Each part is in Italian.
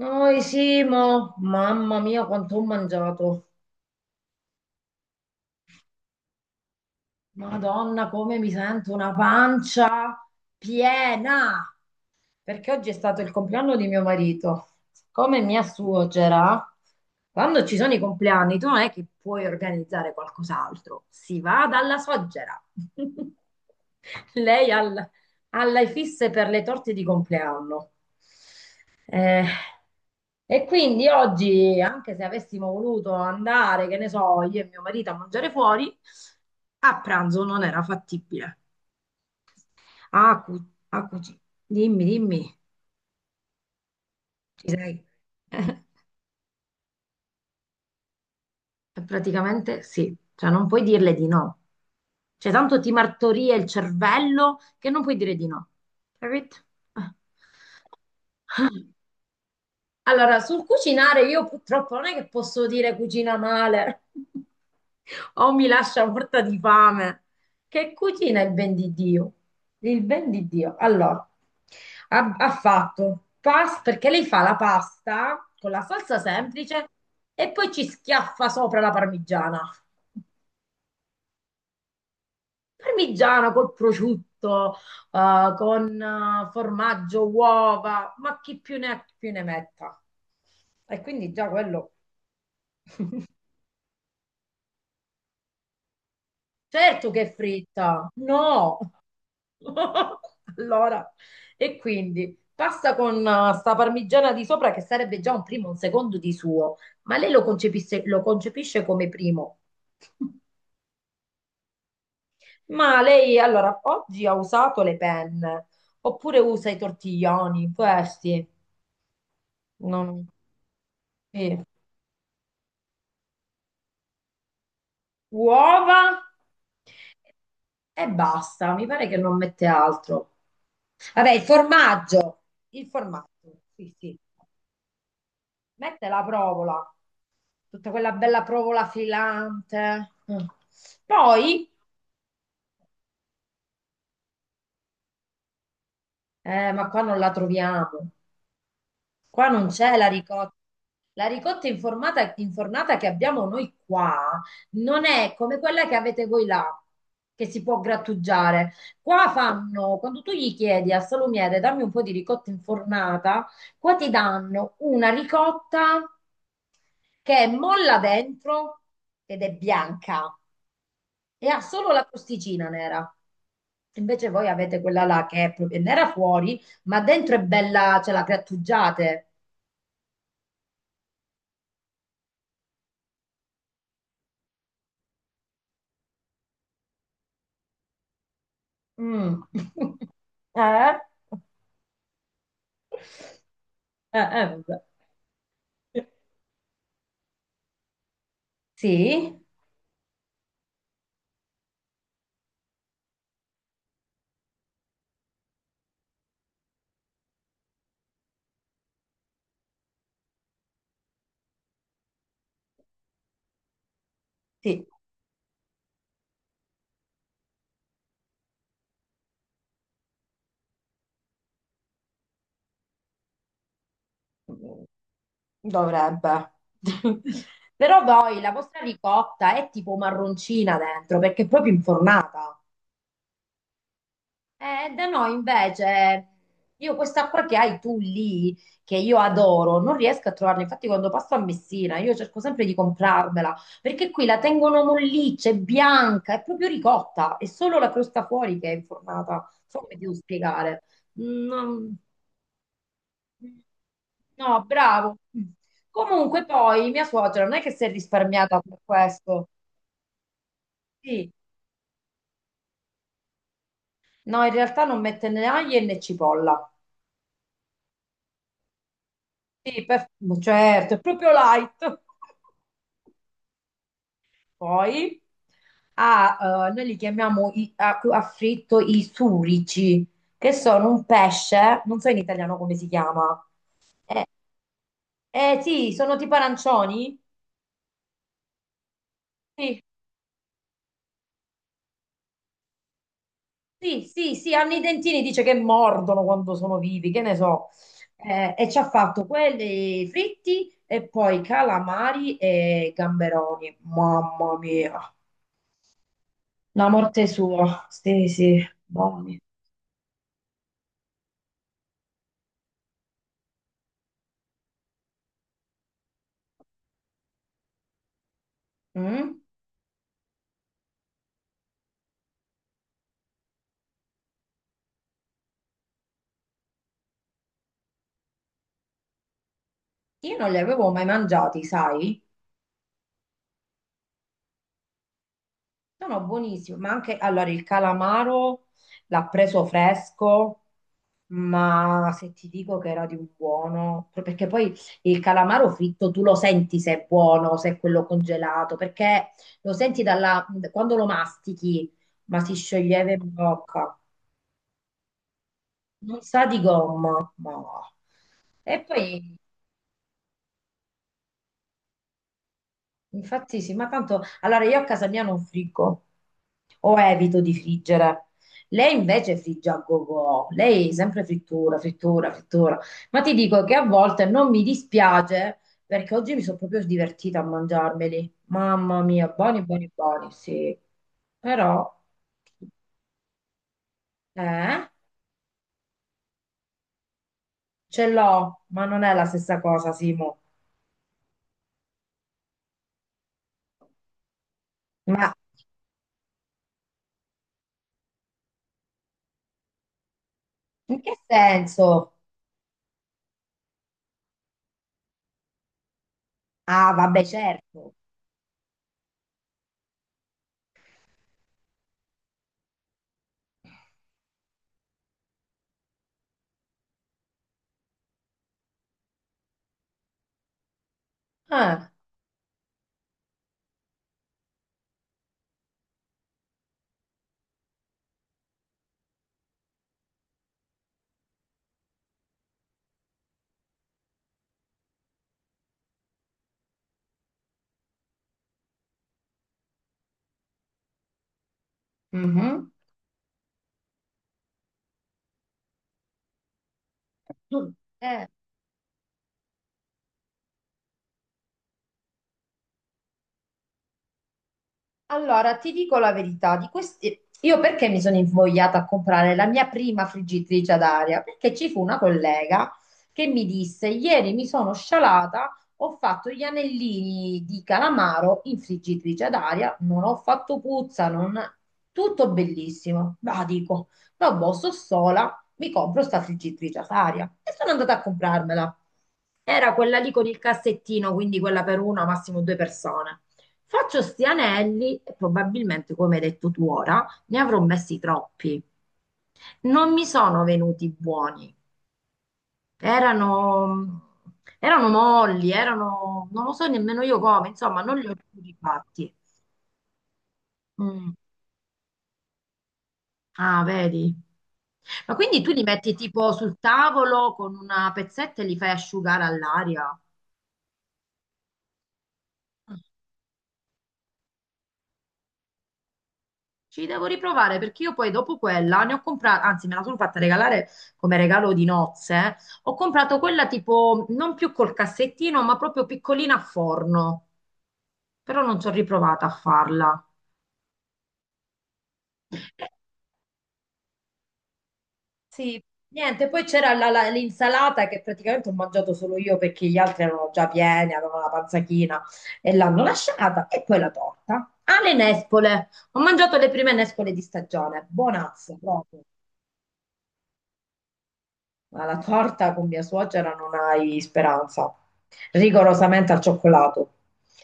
Noi Simo, mamma mia quanto ho mangiato. Madonna, come mi sento una pancia piena. Perché oggi è stato il compleanno di mio marito. Come mia suocera, quando ci sono i compleanni, tu non è che puoi organizzare qualcos'altro, si va dalla suocera. Lei al- Alla fisse per le torte di compleanno. Eh, e quindi oggi, anche se avessimo voluto andare, che ne so, io e mio marito a mangiare fuori, a pranzo non era fattibile. Ah, cu- ah, cuci- Dimmi, dimmi. Ci sei? Praticamente sì, cioè non puoi dirle di no. Cioè tanto ti martoria il cervello che non puoi dire di no. Capito? Eh. Allora, sul cucinare io purtroppo non è che posso dire cucina male o mi lascia morta di fame. Che cucina il ben di Dio? Il ben di Dio. Allora, ha fatto pasta perché lei fa la pasta con la salsa semplice e poi ci schiaffa sopra la parmigiana. Parmigiana col prosciutto, con formaggio, uova, ma chi più ne ha più ne metta. E quindi già quello, certo che è fritta, no. Allora, e quindi pasta con sta parmigiana di sopra che sarebbe già un primo, un secondo di suo, ma lo concepisce come primo. Ma lei allora oggi ha usato le penne, oppure usa i tortiglioni, questi. Non... sì. Uova e basta, mi pare che non mette altro. Vabbè, il formaggio, sì, sì. Mette la provola, tutta quella bella provola filante. Mm. Poi, ma qua non la troviamo. Qua non c'è la ricotta. Infornata che abbiamo noi qua non è come quella che avete voi là, che si può grattugiare. Qua fanno, quando tu gli chiedi al salumiere, dammi un po' di ricotta infornata, qua ti danno una ricotta che è molla dentro ed è bianca e ha solo la crosticina nera. Invece voi avete quella là che è proprio nera fuori, ma dentro è bella, ce la grattugiate. Mm. Eh? Vabbè. Sì, sì, dovrebbe. Però poi la vostra ricotta è tipo marroncina dentro perché è proprio infornata. Da noi invece, io questa acqua che hai tu lì, che io adoro, non riesco a trovarla. Infatti, quando passo a Messina, io cerco sempre di comprarmela, perché qui la tengono molliccia, è bianca, è proprio ricotta, è solo la crosta fuori che è infornata. Non so come ti devo spiegare. No, no, bravo. Comunque, poi mia suocera non è che si è risparmiata per questo. Sì, no, in realtà non mette né aglio né cipolla. Sì, per- certo, è proprio light. Poi ha, noi li chiamiamo a fritto i surici, che sono un pesce, non so in italiano come si chiama. Eh, sì, sono tipo arancioni. Sì, sì, sì, sì, hanno i dentini, dice che mordono quando sono vivi, che ne so. E ci ha fatto quelli fritti e poi calamari e gamberoni. Mamma mia, la morte sua. Sì, sì, buoni. Mm? Io non li avevo mai mangiati, sai? Sono buonissimi, ma anche allora il calamaro l'ha preso fresco, ma se ti dico che era di un buono, perché poi il calamaro fritto tu lo senti se è buono, se è quello congelato, perché lo senti dalla, quando lo mastichi, ma si scioglieva in bocca, non sa di gomma, ma... E poi infatti sì, ma tanto allora io a casa mia non friggo o evito di friggere. Lei invece frigge a go lei sempre frittura, frittura, frittura. Ma ti dico che a volte non mi dispiace perché oggi mi sono proprio divertita a mangiarmeli. Mamma mia, buoni, buoni, buoni, sì. Però eh, ce l'ho, ma non è la stessa cosa, Simo. Ma in che senso? Ah, vabbè, certo. Ah, mhm. Eh. Allora, ti dico la verità, di questi... io perché mi sono invogliata a comprare la mia prima friggitrice ad aria? Perché ci fu una collega che mi disse, ieri mi sono scialata, ho fatto gli anellini di calamaro in friggitrice ad aria, non ho fatto puzza, non... tutto bellissimo. Ma dico, no, boh, sto sola, mi compro sta friggitrice ad aria. E sono andata a comprarmela. Era quella lì con il cassettino, quindi quella per una, massimo due persone. Faccio sti anelli e probabilmente, come hai detto tu ora, ne avrò messi troppi. Non mi sono venuti buoni. Erano, erano molli, erano, non lo so nemmeno io come, insomma, non li ho più rifatti. Mm. Ah, vedi? Ma quindi tu li metti tipo sul tavolo con una pezzetta e li fai asciugare all'aria? Ci devo riprovare perché io poi dopo quella ne ho comprata, anzi me la sono fatta regalare come regalo di nozze. Eh. Ho comprato quella tipo non più col cassettino, ma proprio piccolina a forno. Però non ci ho riprovata a farla. Eh, Sì, niente, poi c'era l'insalata che praticamente ho mangiato solo io perché gli altri erano già pieni, avevano la panza china e l'hanno lasciata. E poi la torta. Ah, le nespole. Ho mangiato le prime nespole di stagione. Buonazze, proprio. Ma la torta con mia suocera non hai speranza. Rigorosamente al cioccolato.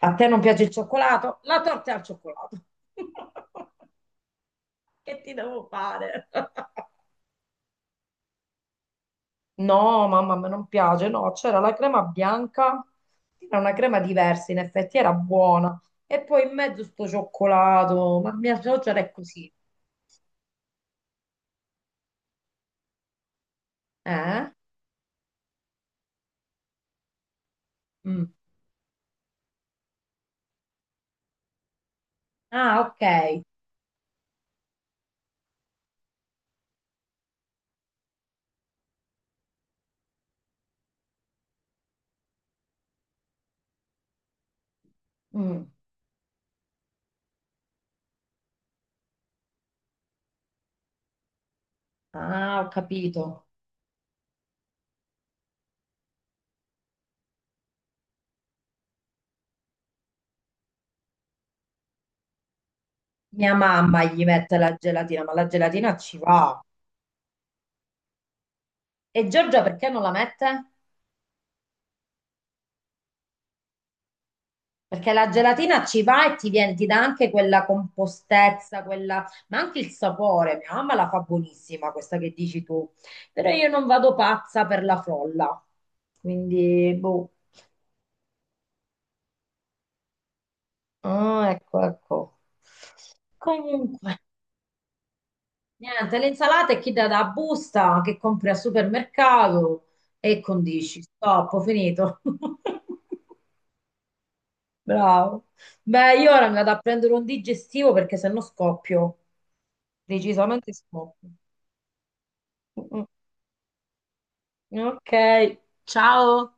A te non piace il cioccolato? La torta è al cioccolato. Che ti devo fare? No, mamma, a me non piace. No, c'era la crema bianca, era una crema diversa, in effetti era buona. E poi in mezzo sto cioccolato. Ma mia suocera è così. Eh? Mm. Ah, ok. Mm. Ah, ho capito. Mia mamma gli mette la gelatina, ma la gelatina ci va. E Giorgia perché non la mette? Perché la gelatina ci va e ti viene, ti dà anche quella compostezza, quella, ma anche il sapore. Mia mamma la fa buonissima, questa che dici tu. Però io non vado pazza per la frolla. Quindi, boh. Ah, ecco, ecco. Comunque, niente, le insalate chi dà da busta, che compri al supermercato e condisci. Stop, ho finito. Bravo. Beh, io ora mi vado a prendere un digestivo perché sennò scoppio. Decisamente scoppio. Mm, mm. Ok, ciao.